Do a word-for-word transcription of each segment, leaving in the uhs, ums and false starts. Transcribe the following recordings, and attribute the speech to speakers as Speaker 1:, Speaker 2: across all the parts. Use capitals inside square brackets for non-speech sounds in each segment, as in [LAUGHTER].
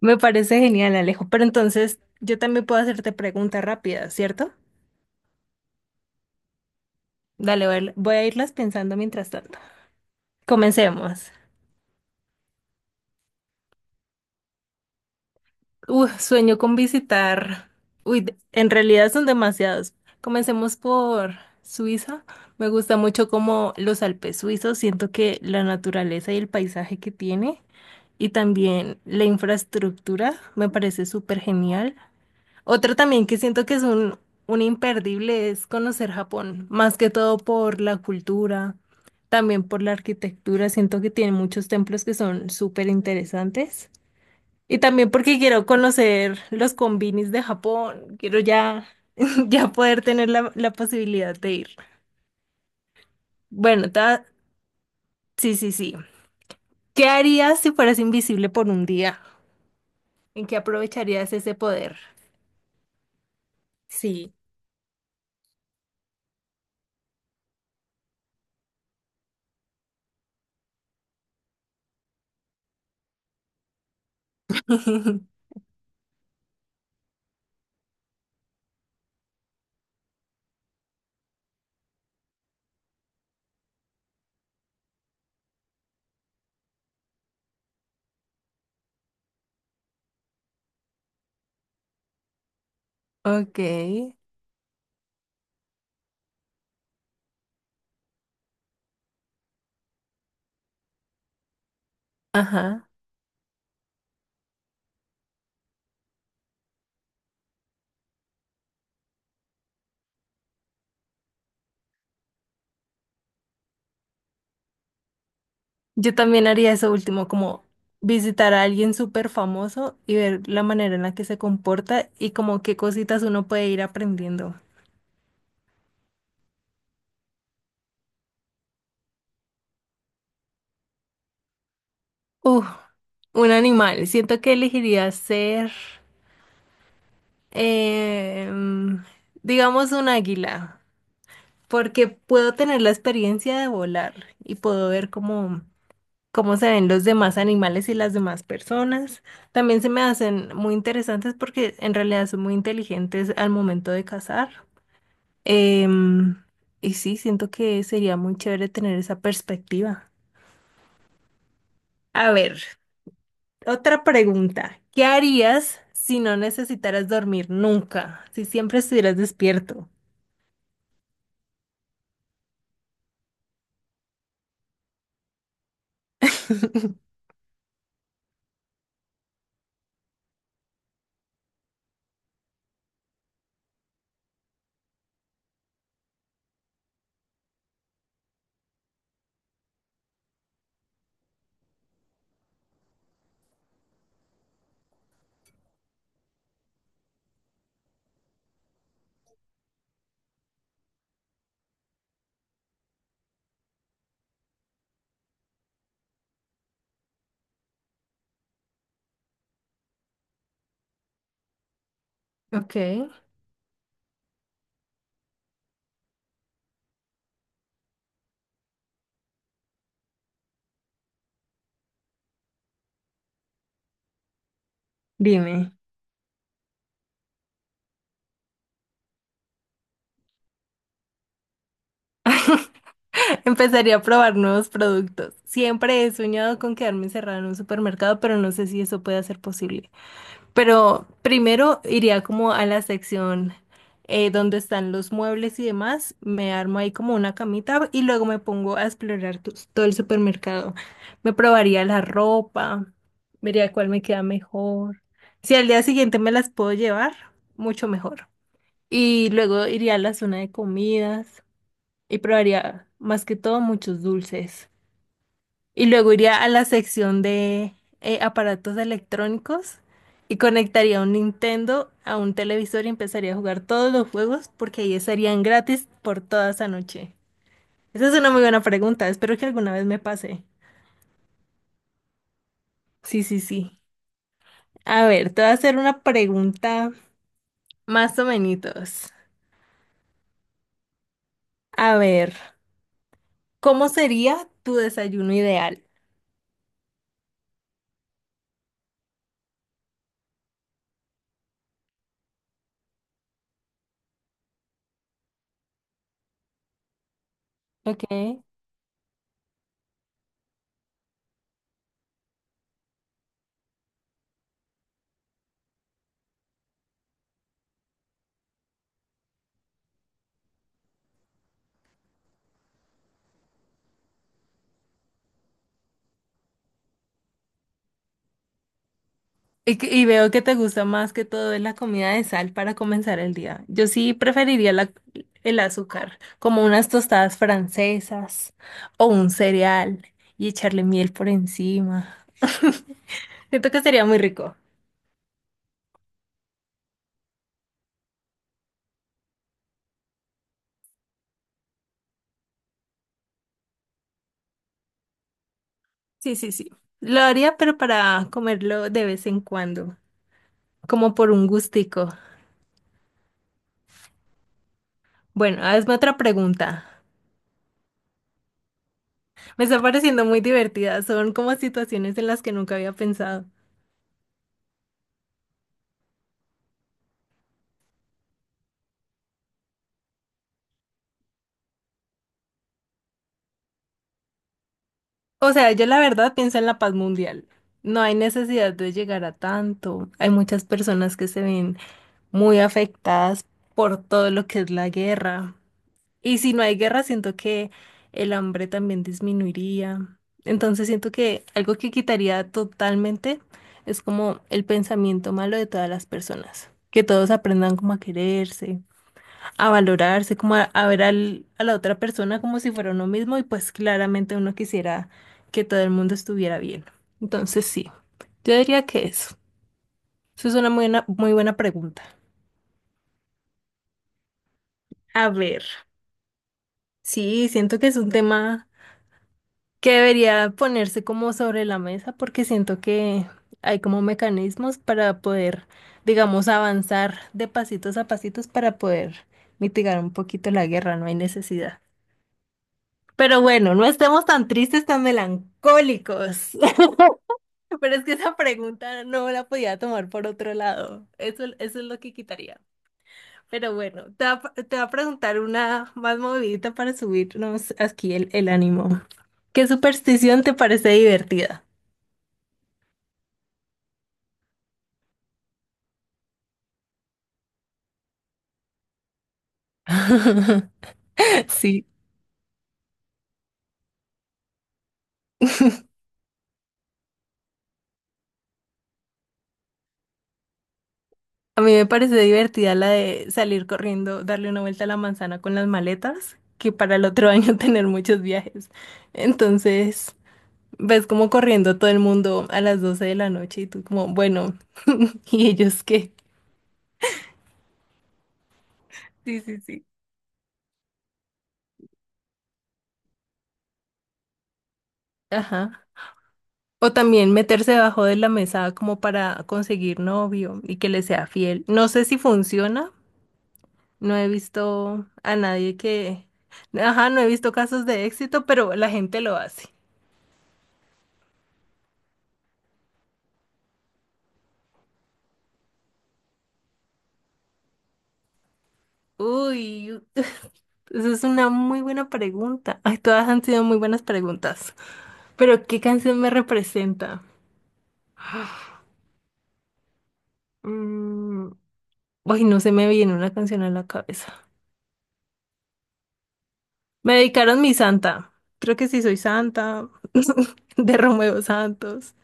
Speaker 1: Me parece genial, Alejo. Pero entonces yo también puedo hacerte preguntas rápidas, ¿cierto? Dale, voy a voy a irlas pensando mientras tanto. Comencemos. Uy, sueño con visitar. Uy, de- en realidad son demasiados. Comencemos por Suiza. Me gusta mucho como los Alpes suizos. Siento que la naturaleza y el paisaje que tiene y también la infraestructura me parece súper genial. Otro también que siento que es un, un imperdible es conocer Japón, más que todo por la cultura, también por la arquitectura. Siento que tiene muchos templos que son súper interesantes. Y también porque quiero conocer los combinis de Japón, quiero ya, [LAUGHS] ya poder tener la, la posibilidad de ir. Bueno, ta- sí, sí, sí. ¿Qué harías si fueras invisible por un día? ¿En qué aprovecharías ese poder? Sí. Ok, ajá. Yo también haría eso último, como visitar a alguien súper famoso y ver la manera en la que se comporta y como qué cositas uno puede ir aprendiendo. Uf, un animal. Siento que elegiría ser, em, digamos, un águila, porque puedo tener la experiencia de volar y puedo ver cómo, cómo se ven los demás animales y las demás personas. También se me hacen muy interesantes porque en realidad son muy inteligentes al momento de cazar. Em, y sí, siento que sería muy chévere tener esa perspectiva. A ver, otra pregunta. ¿Qué harías si no necesitaras dormir nunca? Si siempre estuvieras despierto. Ok. Dime. [LAUGHS] Empezaría a probar nuevos productos. Siempre he soñado con quedarme encerrada en un supermercado, pero no sé si eso puede ser posible. Pero primero iría como a la sección eh, donde están los muebles y demás, me armo ahí como una camita y luego me pongo a explorar to- todo el supermercado. Me probaría la ropa, vería cuál me queda mejor. Si al día siguiente me las puedo llevar, mucho mejor. Y luego iría a la zona de comidas y probaría más que todo muchos dulces. Y luego iría a la sección de eh, aparatos electrónicos y conectaría un Nintendo a un televisor y empezaría a jugar todos los juegos porque ahí estarían gratis por toda esa noche. Esa es una muy buena pregunta. Espero que alguna vez me pase. Sí, sí, sí. A ver, te voy a hacer una pregunta más o menos. A ver, ¿cómo sería tu desayuno ideal? Ok. Y, que- y veo que te gusta más que todo es la comida de sal para comenzar el día. Yo sí preferiría la- el azúcar, como unas tostadas francesas o un cereal y echarle miel por encima. Siento que sería muy rico. Sí, sí, sí. Lo haría, pero para comerlo de vez en cuando, como por un gustico. Bueno, hazme otra pregunta. Me está pareciendo muy divertida. Son como situaciones en las que nunca había pensado. O sea, yo la verdad pienso en la paz mundial. No hay necesidad de llegar a tanto. Hay muchas personas que se ven muy afectadas por todo lo que es la guerra. Y si no hay guerra, siento que el hambre también disminuiría. Entonces siento que algo que quitaría totalmente es como el pensamiento malo de todas las personas. Que todos aprendan como a quererse, a valorarse, como a, a ver al- a la otra persona como si fuera uno mismo y pues claramente uno quisiera que todo el mundo estuviera bien. Entonces sí, yo diría que eso. Eso es una muy buena, muy buena pregunta. A ver, sí, siento que es un tema que debería ponerse como sobre la mesa porque siento que hay como mecanismos para poder, digamos, avanzar de pasitos a pasitos para poder mitigar un poquito la guerra, no hay necesidad. Pero bueno, no estemos tan tristes, tan melancólicos. [LAUGHS] Pero es que esa pregunta no la podía tomar por otro lado. Eso, eso es lo que quitaría. Pero bueno, te va, a- te voy a preguntar una más movidita para subirnos aquí el, el ánimo. ¿Qué superstición te parece divertida? [LAUGHS] Sí, a mí me parece divertida la de salir corriendo, darle una vuelta a la manzana con las maletas, que para el otro año [LAUGHS] tener muchos viajes. Entonces... Ves como corriendo todo el mundo a las doce de la noche y tú como, bueno, [LAUGHS] ¿y ellos qué? Sí, sí, sí. Ajá. O también meterse debajo de la mesa como para conseguir novio y que le sea fiel. No sé si funciona. No he visto a nadie que... Ajá, no he visto casos de éxito, pero la gente lo hace. Uy, [LAUGHS] esa es una muy buena pregunta. Ay, todas han sido muy buenas preguntas. Pero ¿qué canción me representa? [GASPS] [SIGHS] Mm, ay, no se me viene una canción a la cabeza. Me dedicaron mi santa. Creo que sí soy santa. [LAUGHS] De Romeo Santos.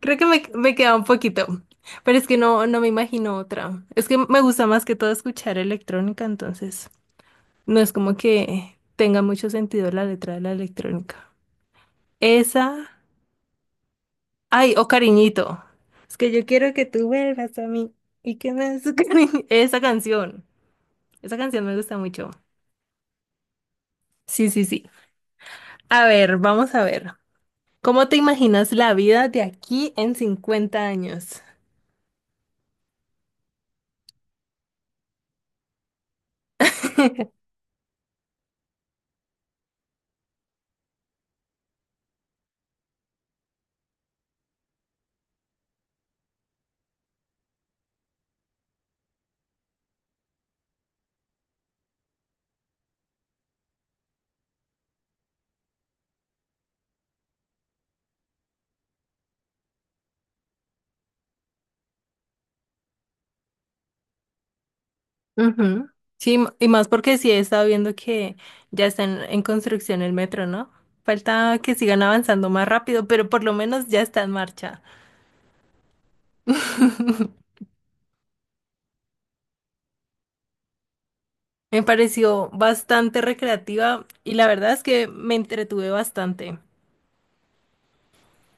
Speaker 1: Creo que me, me queda un poquito. Pero es que no, no me imagino otra. Es que me gusta más que todo escuchar electrónica, entonces no es como que tenga mucho sentido la letra de la electrónica. Esa. Ay, o cariñito. Es que yo quiero que tú vuelvas a mí y que me des [LAUGHS] tu cariño. Esa canción. Esa canción me gusta mucho. Sí, sí, sí. A ver, vamos a ver. ¿Cómo te imaginas la vida de aquí en cincuenta años? Ujú. Sí, m- y más porque sí he estado viendo que ya está en, en construcción el metro, ¿no? Falta que sigan avanzando más rápido, pero por lo menos ya está en marcha. Me pareció bastante recreativa y la verdad es que me entretuve bastante.